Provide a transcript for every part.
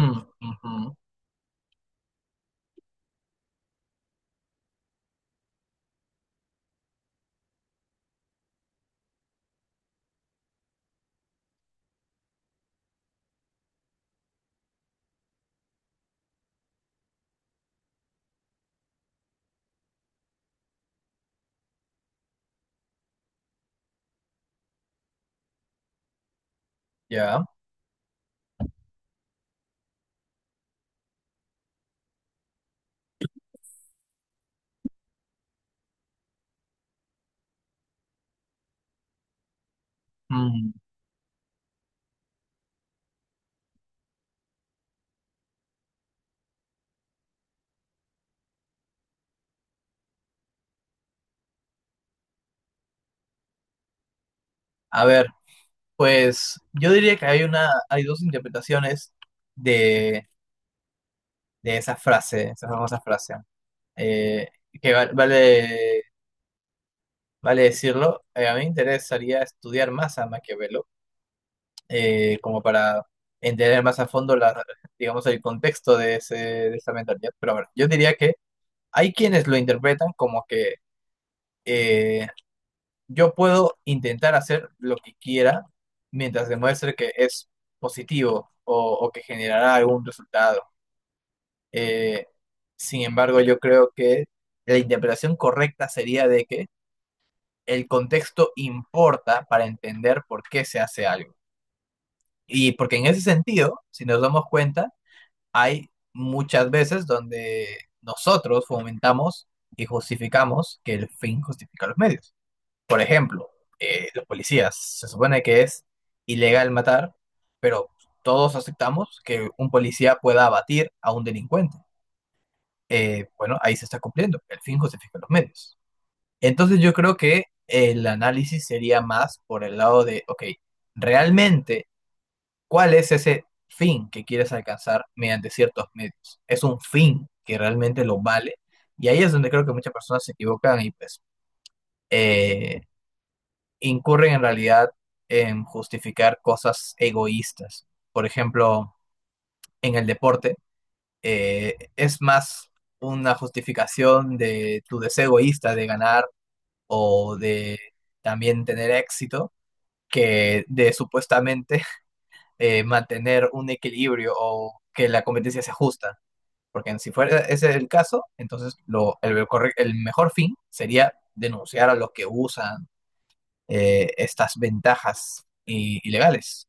Mm, ujú, ya. Mm. A ver, pues yo diría que hay hay dos interpretaciones de, de esa frase, esa famosa frase. Eh, vale, vale decirlo, a mí me interesaría estudiar más a Maquiavelo, como para entender más a fondo digamos, el contexto de de esa mentalidad. Pero bueno, yo diría que hay quienes lo interpretan como que eh, yo puedo intentar hacer lo que quiera mientras demuestre que es positivo o que generará algún resultado. Eh, sin embargo, yo creo que la interpretación correcta sería de que el contexto importa para entender por qué se hace algo. Y porque en ese sentido, si nos damos cuenta, hay muchas veces donde nosotros fomentamos y justificamos que el fin justifica los medios. Por ejemplo, los policías, se supone que es ilegal matar, pero todos aceptamos que un policía pueda abatir a un delincuente. Bueno, ahí se está cumpliendo, el fin justifica los medios. Entonces yo creo que el análisis sería más por el lado de, ok, realmente, ¿cuál es ese fin que quieres alcanzar mediante ciertos medios? ¿Es un fin que realmente lo vale? Y ahí es donde creo que muchas personas se equivocan y pues... eh, incurren en realidad en justificar cosas egoístas. Por ejemplo, en el deporte es más una justificación de tu deseo egoísta de ganar o de también tener éxito que de supuestamente mantener un equilibrio o que la competencia sea justa. Porque si fuera ese el caso, entonces el mejor fin sería denunciar a los que usan estas ventajas ilegales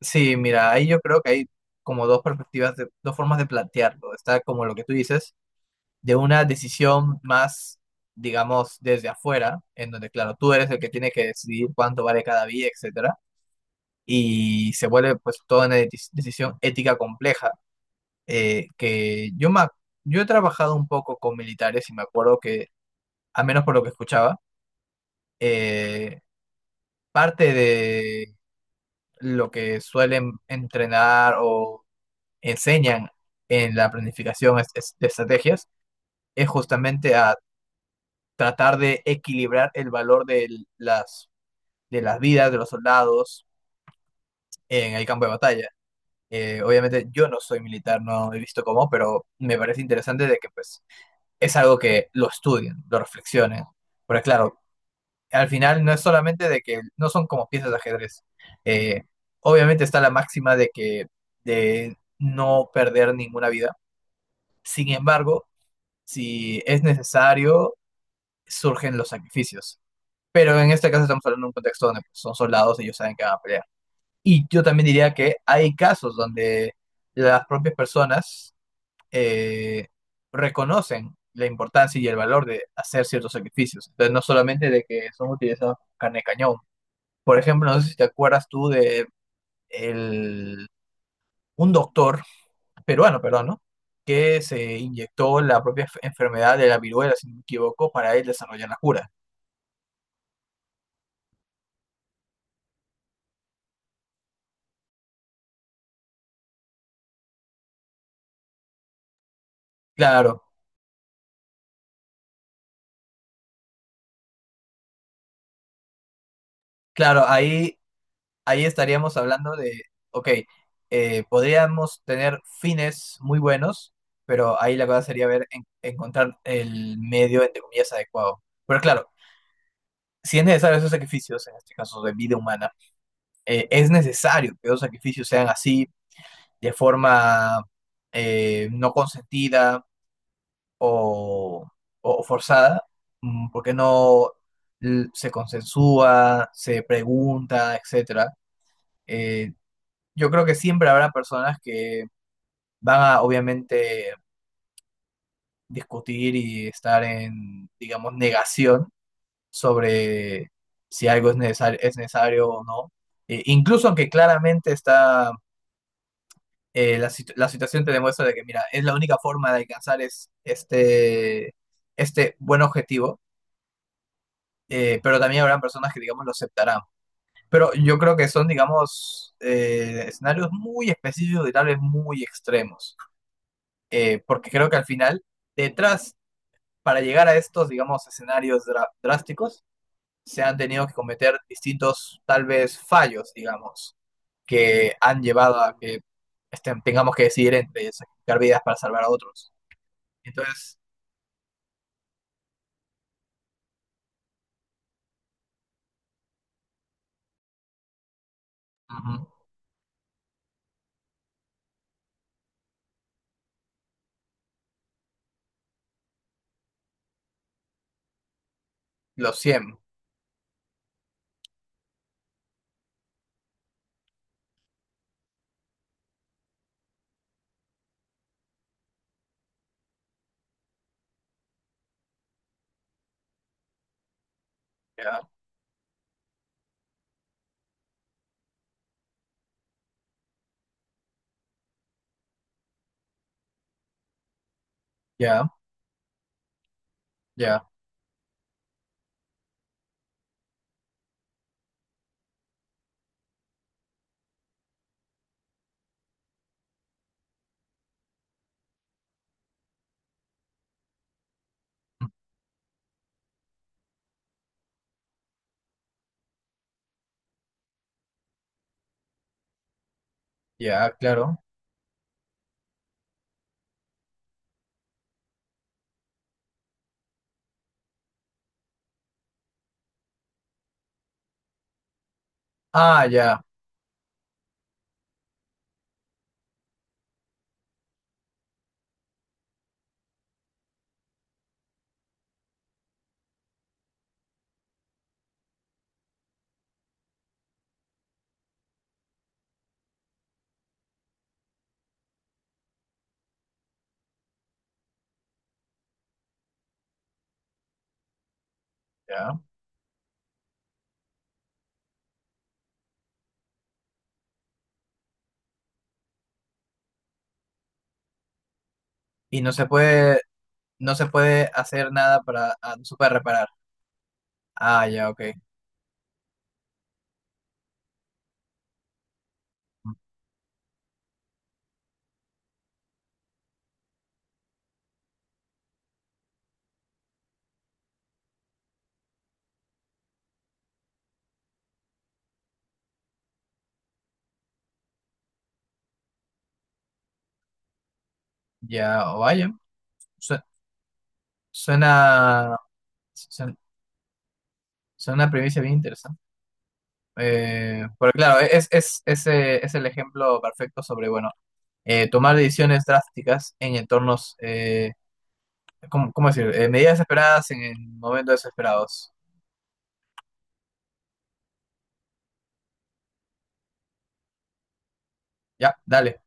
Sí, mira, ahí yo creo que hay como dos perspectivas, dos formas de plantearlo. Está como lo que tú dices, de una decisión más, digamos, desde afuera, en donde, claro, tú eres el que tiene que decidir cuánto vale cada vía, etcétera, y se vuelve pues toda una decisión ética compleja, que yo, me ac- yo he trabajado un poco con militares y me acuerdo que, al menos por lo que escuchaba, eh, parte de lo que suelen entrenar o enseñan en la planificación de estrategias es justamente a tratar de equilibrar el valor de las, de las vidas de los soldados en el campo de batalla. Obviamente yo no soy militar, no he visto cómo, pero me parece interesante de que pues es algo que lo estudien, lo reflexionen. Porque claro, al final no es solamente de que no son como piezas de ajedrez. Eh, obviamente está la máxima de que de no perder ninguna vida. Sin embargo, si es necesario, surgen los sacrificios. Pero en este caso estamos hablando de un contexto donde pues, son soldados y ellos saben que van a pelear. Y yo también diría que hay casos donde las propias personas eh, reconocen la importancia y el valor de hacer ciertos sacrificios. Entonces, no solamente de que son utilizados como carne de cañón. Por ejemplo, no sé si te acuerdas tú de el, un doctor peruano, perdón, ¿no? Que se inyectó la propia enfermedad de la viruela, si no me equivoco, para él desarrollar la cura. Claro, claro, ahí, ahí estaríamos hablando de, ok, podríamos tener fines muy buenos, pero ahí la cosa sería ver, encontrar el medio, entre comillas, adecuado. Pero claro, si es necesario esos sacrificios, en este caso de vida humana, es necesario que esos sacrificios sean así, de forma no consentida o, o forzada, mm, porque no se consensúa, se pregunta, etcétera. Eh, yo creo que siempre habrá personas que van a, obviamente, discutir y estar en, digamos, negación sobre si algo es necesario o no. Incluso aunque claramente está, la situación te demuestra de que, mira, es la única forma de alcanzar este, este buen objetivo pero también habrán personas que, digamos, lo aceptarán. Pero yo creo que son, digamos, escenarios muy específicos y tal vez muy extremos, porque creo que al final, detrás, para llegar a estos, digamos, escenarios drásticos, se han tenido que cometer distintos, tal vez, fallos, digamos, que han llevado a que este, tengamos que decidir entre sacrificar vidas para salvar a otros. Entonces, ujú, los cien ya, ya, ya, ya, claro. Ah, ya, ya. Y no se puede, no se puede hacer nada para, ah, no se puede reparar. Ah, ya, ok. Ya, o vaya. Su- Suena, suena, suena una premisa bien interesante. Porque claro, ese es el ejemplo perfecto sobre, bueno, tomar decisiones drásticas en entornos, ¿cómo decir? Medidas esperadas en momentos desesperados. Ya, dale.